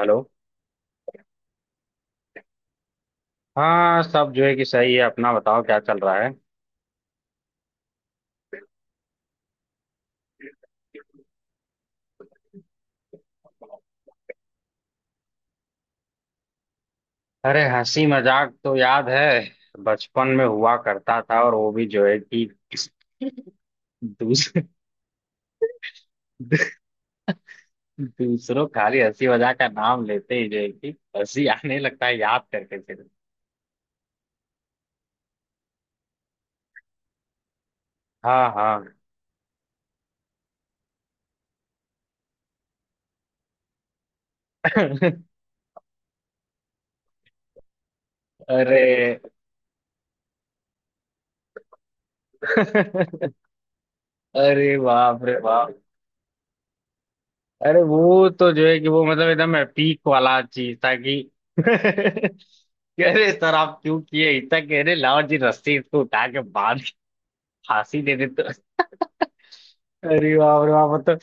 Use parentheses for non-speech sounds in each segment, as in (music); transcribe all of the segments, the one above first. Hello. हाँ सब जो है कि सही है। अपना बताओ क्या चल रहा है। अरे हंसी मजाक तो याद है, बचपन में हुआ करता था और वो भी जो है कि दूस, (laughs) दूसरों खाली हंसी मजाक का नाम लेते ही जो है कि हंसी आने लगता है याद करके फिर। हाँ हाँ। (laughs) अरे। (laughs) अरे बाप रे बाप, अरे वो तो जो है कि वो मतलब एकदम पीक वाला चीज था कि (laughs) कह रहे सर आप क्यों किए, इतना कह रहे लाओ जी रस्सी इसको उठा के बांध के फांसी दे देते। अरे बाप रे बाप मतलब,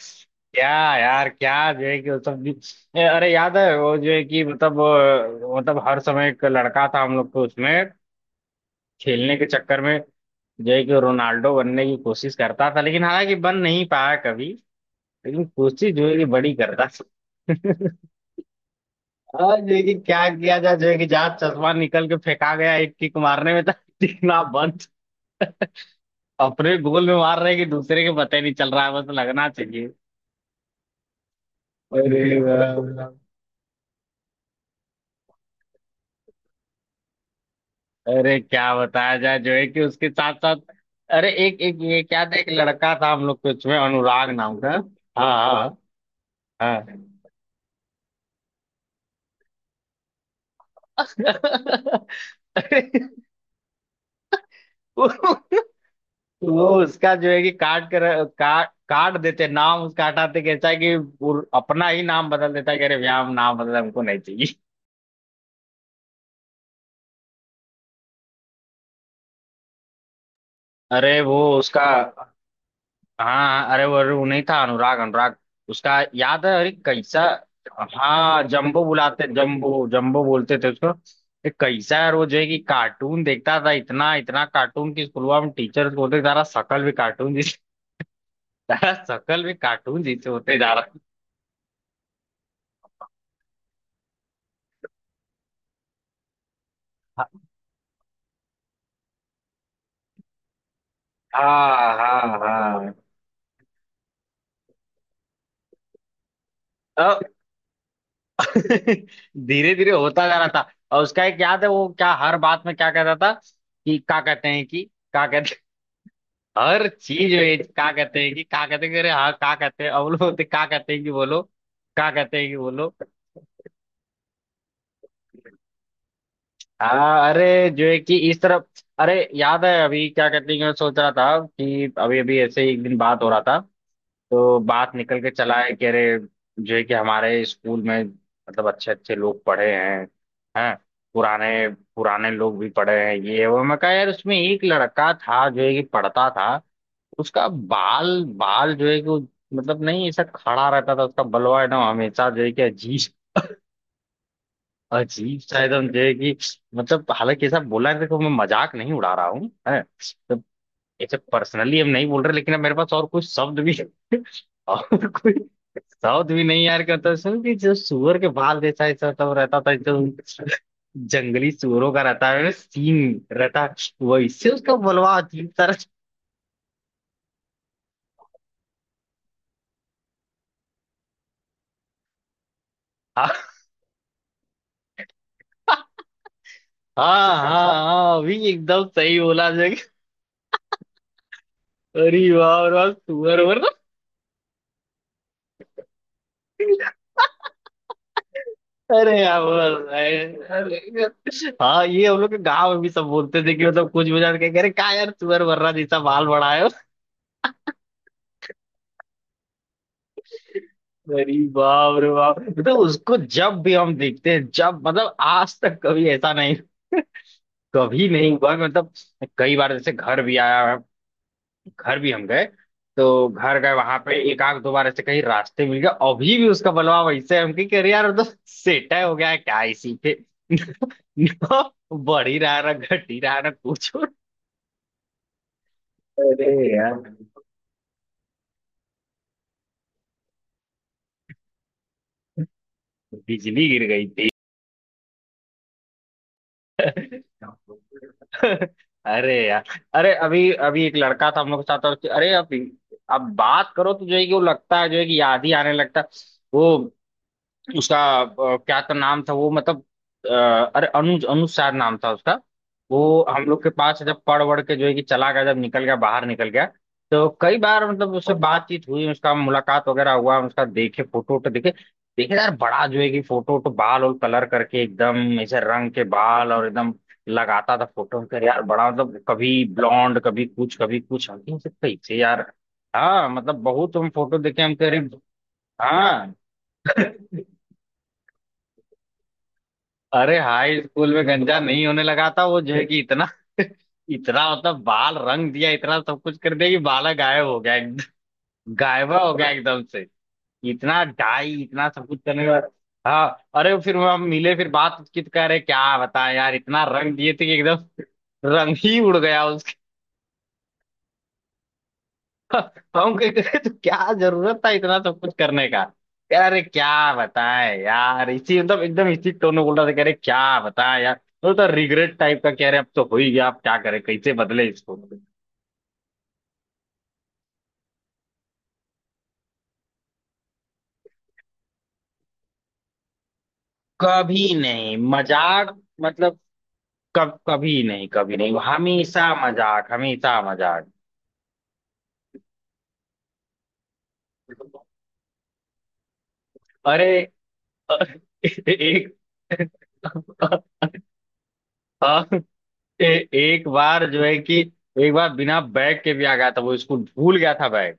क्या यार क्या जो है कि वो सब भी। अरे याद है वो जो है कि मतलब मतलब हर समय एक लड़का था हम लोग को उसमें खेलने के चक्कर में जो है कि रोनाल्डो बनने की कोशिश करता था, लेकिन हालांकि बन नहीं पाया कभी, लेकिन कोशिश जो है कि बड़ी करता। हाँ देखिए क्या किया जाए, जो है कि जहाँ चश्मा निकल के फेंका गया एक किक मारने में था (laughs) दिखना बंद। अपने गोल में मार रहे हैं कि दूसरे के पता ही नहीं चल रहा है, बस लगना चाहिए। अरे वाह। अरे क्या बताया जाए जो है कि उसके साथ साथ अरे एक एक ये क्या था, एक लड़का था हम लोग के उसमें अनुराग नाम का। हाँ हाँ हाँ। (laughs) वो उसका जो है कि काट कर काट काट देते नाम उसका, हटाते कैसा है कि वो अपना ही नाम बदल देता है कि अरे व्याम नाम बदल हमको नहीं चाहिए। अरे वो उसका हाँ अरे वो, अरे वो नहीं था अनुराग अनुराग। उसका याद है अरे कैसा। हाँ जम्बो बुलाते, जम्बो जम्बो बोलते थे उसको। अरे कैसा यार वो जो है कि कार्टून देखता था इतना इतना कार्टून कि स्कूल में टीचर्स बोलते थे, तारा शकल भी कार्टून जैसे, तारा शकल भी कार्टून जैसे होते जा रहा है। हाँ हाँ हाँ। धीरे धीरे होता जा रहा था और उसका एक याद है वो क्या हर बात में क्या कहता था कि क्या कहते हैं कि, क्या कहते। (laughs) हर चीज में क्या कहते हैं कि क्या कहते हैं कि, अरे हाँ क्या कहते हैं, अब लोग बोलते क्या कहते हैं कि बोलो, क्या कहते हैं कि बोलो। हाँ अरे जो है कि इस तरफ अरे याद है, अभी क्या कहते हैं कि मैं सोच रहा था कि अभी अभी ऐसे ही एक दिन बात हो रहा था तो बात निकल के चला है कि अरे जो है कि हमारे स्कूल में मतलब अच्छे अच्छे लोग पढ़े हैं पुराने, पुराने लोग भी पढ़े हैं। ये वो मैं कहा यार उसमें एक लड़का था जो है कि पढ़ता था। उसका बाल बाल जो है कि वो- मतलब नहीं, ऐसा खड़ा रहता था उसका बलवा एकदम, हमेशा जो है कि अजीब, अजीब सा एकदम जो है कि मतलब, हालांकि ऐसा बोला है देखो मैं मजाक नहीं उड़ा रहा हूँ है। अच्छा पर्सनली हम नहीं बोल रहे, लेकिन अब मेरे पास और कोई शब्द भी (laughs) और कोई शब्द भी नहीं यार, कहता सुन कि जो सुअर के बाल जैसा ऐसा सब रहता था, जो जंगली सुअरों का रहता है सींग रहता है, वैसे उसका बलवा अजीब तरह। हाँ हाँ हाँ, हाँ अभी एकदम सही बोला जग। अरे वाह सुअर उअर। अरे यार अरे- हाँ ये हम लोग के गांव में भी सब बोलते थे कि मतलब कुछ बजा के कह रहे का यार सुअर वर्रा जैसा बाल बड़ा है। अरे बाप रे बाप, तो उसको जब भी हम देखते हैं जब मतलब आज तक कभी ऐसा नहीं, कभी नहीं हुआ मतलब, कई बार जैसे घर भी आया, घर भी हम गए, तो घर गए वहां पे एक आध दो बार ऐसे कहीं रास्ते मिल गया, अभी भी उसका बलवा वैसे है, हम की अरे यार वो तो सेटा हो गया है क्या इसी पे। (laughs) ना बढ़ ही रहा है ना घट ही रहा है ना कुछ और। अरे यार बिजली गिर गई थी। (laughs) अरे यार, अरे अभी अभी एक लड़का था हम लोग के साथ और अरे अब बात करो तो जो है कि वो लगता है जो है कि याद ही आने लगता है, वो उसका क्या तो नाम था वो मतलब, अ, अरे अनुज अनुसार नाम था उसका। वो हम लोग के पास जब पढ़ वढ़ के जो है कि चला गया, जब निकल गया बाहर निकल गया तो कई बार मतलब उससे बातचीत हुई, उसका मुलाकात वगैरह हुआ, उसका देखे फोटो वोटो देखे। देखे यार बड़ा जो है कि फोटो वोटो बाल और कलर करके एकदम ऐसे रंग के बाल और एकदम लगाता था फोटो, कर यार बड़ा मतलब कभी ब्लॉन्ड कभी कुछ कभी कुछ, हम कहे, "ये सब कैसे यार"। हाँ मतलब बहुत हम फोटो देखे, हम कह रहे हाँ। अरे हाई स्कूल में गंजा नहीं होने लगा था, वो जो है कि इतना (laughs) इतना मतलब बाल रंग दिया इतना सब कुछ कर दिया कि बाला गायब हो गया एकदम, गायबा हो गया एकदम से इतना डाई इतना सब कुछ करने के बाद। हाँ। अरे फिर वो हम मिले, फिर बात की, तो कह रहे क्या बताएं यार इतना रंग दिए थे कि एकदम (laughs) रंग ही उड़ गया। हम कहते तो क्या जरूरत था इतना सब कुछ करने का। कह रहा, अरे क्या बताएं यार, इसी मतलब एकदम इसी टोन में बोल रहा था, कह रहे क्या बताएं यार वो तो रिग्रेट टाइप का कह रहे अब तो हो ही गया, अब क्या करें कैसे बदले इसको। कभी नहीं मजाक, मतलब कब कभी नहीं, कभी नहीं, हमेशा मजाक हमेशा मजाक। अरे (laughs) एक हाँ, एक बार जो है कि एक बार बिना बैग के भी आ गया था वो स्कूल, भूल गया था बैग,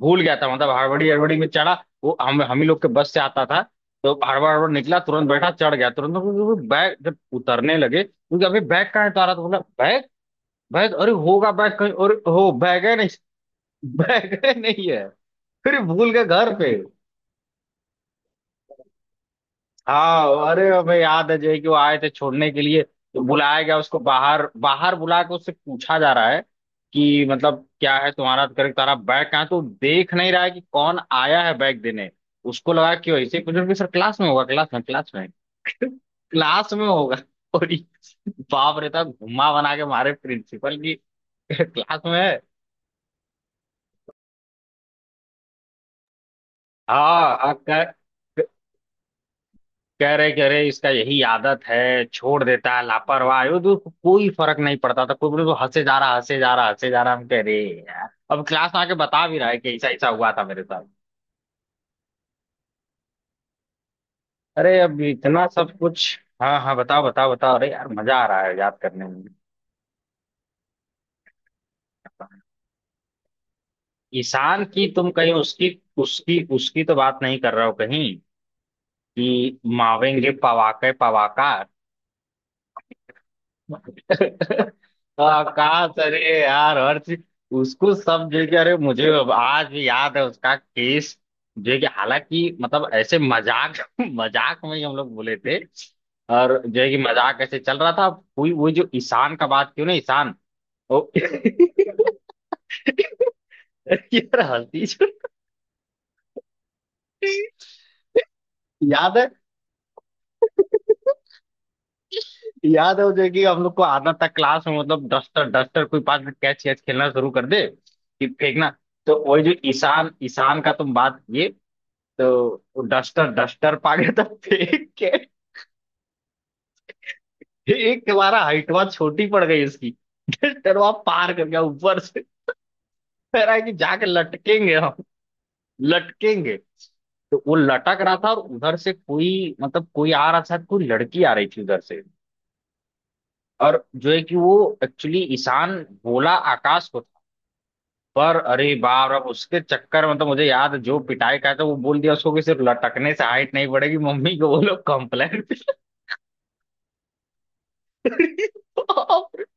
भूल गया था मतलब, हड़बड़ी हड़बड़ी में चढ़ा। वो हम ही लोग के बस से आता था, तो हड़बड़ हड़बड़ निकला तुरंत, बैठा चढ़ गया तुरंत, तो वो बैग जब उतरने लगे क्योंकि अभी बैग कहाँ है तो आ रहा, तो बोला बैग, बैग अरे होगा बैग कहीं और हो, बैग है नहीं। (laughs) बैग है नहीं है, फिर भूल गए घर पे। हाँ अरे हमें याद है जो है कि वो आए थे छोड़ने के लिए, तो बुलाया गया उसको बाहर, बाहर बुला के उससे पूछा जा रहा है कि मतलब क्या है तुम्हारा, करे तुम्हारा बैग कहाँ है? तो देख नहीं रहा है कि कौन आया है बैग देने। उसको लगा कि वैसे ही कुछ ना कुछ, सर क्लास में होगा क्लास में (laughs) क्लास में होगा। (laughs) और ये बाप रे, था घुमा बना के मारे प्रिंसिपल की (laughs) क्लास में है। हाँ कह रहे, कह रहे इसका यही आदत है, छोड़ देता है लापरवाह है, वो तो उसको कोई फर्क नहीं पड़ता था, कोई बोले तो हंसे जा रहा, हंसे जा रहा, हंसे जा रहा, हम कह रहे यार अब क्लास में आके बता भी रहा है कि ऐसा ऐसा हुआ था मेरे साथ। अरे अब इतना सब कुछ, हाँ हाँ बताओ बताओ बताओ, अरे यार मजा आ रहा है याद करने में। ईशान की तुम कहीं उसकी उसकी उसकी तो बात नहीं कर रहे हो कहीं कि मावेंगे पवाके पवाकार। (laughs) आकाश, अरे यार हर चीज उसको सब जगह, अरे मुझे अब आज भी याद है उसका केस, जो कि हालांकि मतलब ऐसे मजाक (laughs) मजाक में ही हम लोग बोले थे और जो है कि मजाक ऐसे चल रहा था, कोई वो जो ईशान का बात क्यों ना ईशान। ओ (laughs) यार हंसी छूटी। याद है। याद है वो जो है कि हम लोग को आदत था क्लास में मतलब डस्टर, डस्टर कोई पास में कैच कैच खेलना शुरू कर दे कि फेंकना, तो वही जो ईशान ईशान का तुम बात किए, तो डस्टर डस्टर पागे तो फेंक के एक, हमारा हाइट वहां छोटी पड़ गई उसकी, डस्टर वहां पार कर गया ऊपर से। कह रहा है कि जाके लटकेंगे हम, लटकेंगे, तो वो लटक रहा था और उधर से कोई मतलब कोई आ रहा था, कोई लड़की आ रही थी उधर से, और जो है कि वो एक्चुअली ईशान बोला आकाश को था, पर अरे बाप रे उसके चक्कर में तो मुझे याद है, जो पिटाई का था, वो बोल दिया उसको कि सिर्फ लटकने से हाइट नहीं बढ़ेगी मम्मी को बोलो कंप्लेंट। (laughs)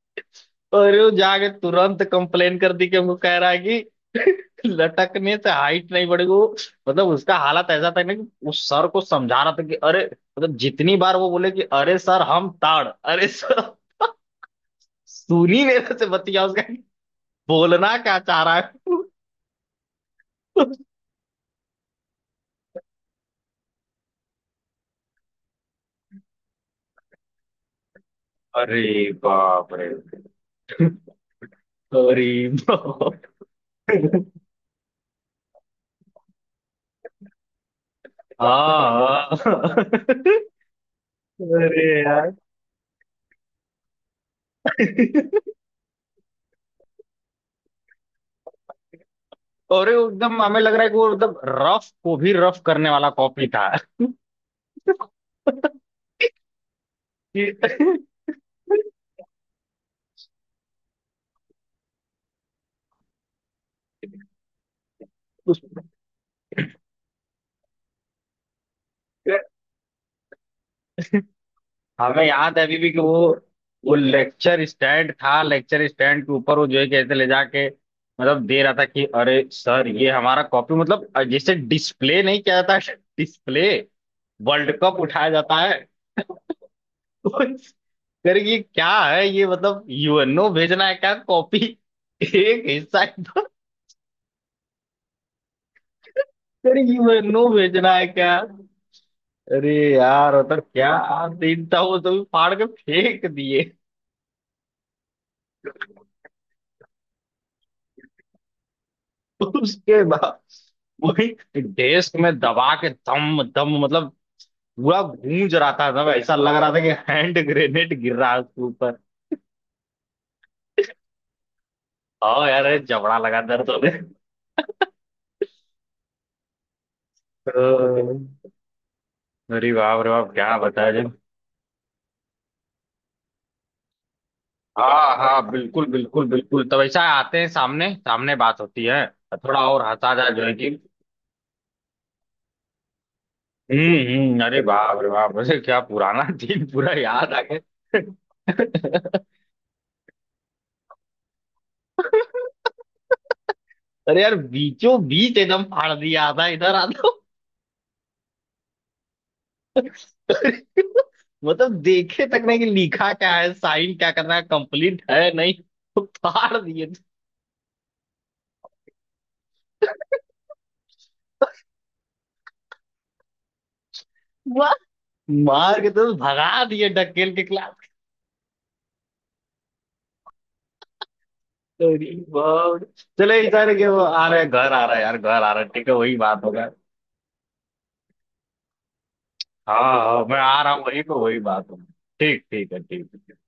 और वो जाके तुरंत कंप्लेन कर दी कि हमको कह रहा है कि (laughs) लटकने से हाइट नहीं बढ़ेगी, वो मतलब उसका हालत ऐसा था ना कि उस सर को समझा रहा था कि अरे, मतलब जितनी बार वो बोले कि अरे सर हम ताड़ अरे सर, सुन ही नहीं रहे थे बतिया उसका कि बोलना क्या चाह रहा है। अरे बाप रे अरे बाप। हाँ हाँ। अरे यार, और वो एकदम हमें लग रहा है कि वो मतलब रफ को भी रफ करने वाला कॉपी था कि उस, हमें याद है अभी भी कि वो लेक्चर स्टैंड था, लेक्चर स्टैंड के ऊपर वो जो है कैसे ले जाके मतलब दे रहा था कि अरे सर ये हमारा कॉपी, मतलब जैसे डिस्प्ले नहीं किया जाता, डिस्प्ले वर्ल्ड कप उठाया जाता है। (laughs) कर ये क्या है, ये मतलब यूएनओ भेजना है क्या कॉपी, एक हिस्सा, अरे यूएनओ भेजना है क्या। अरे यार मतलब क्या दिन था, वो तो फाड़ के फेंक दिए। उसके बाद वही डेस्क में दबा के दम दम मतलब पूरा गूंज रहा था, सब ऐसा लग रहा था कि हैंड ग्रेनेड गिर रहा है उसके ऊपर। आओ यार ये जबड़ा लगा दर्द होने। अह, अरे बाप रे बाप क्या बताया जी। हाँ हाँ बिल्कुल बिल्कुल बिल्कुल, तब ऐसा आते हैं सामने सामने बात होती है, थोड़ा और हंसा जाए जो है कि। हम्म, अरे बाप रे बाप, अरे क्या पुराना दिन पूरा याद आ गया। अरे यार बीचों बीच एकदम फाड़ दिया था, इधर आता। (laughs) मतलब देखे तक नहीं कि लिखा क्या है साइन क्या करना है कंप्लीट है, नहीं तो फाड़ दिए। वाह! मार के तो भगा दिए, ढकेल के क्लास। अरे बाप रे। चलो इधर के वो आ रहे हैं, घर आ रहा है यार, घर आ रहा है, ठीक है वही बात होगा। हाँ हाँ मैं आ रहा हूँ, वही को वही बात होगा। ठीक, ठीक है ठीक है।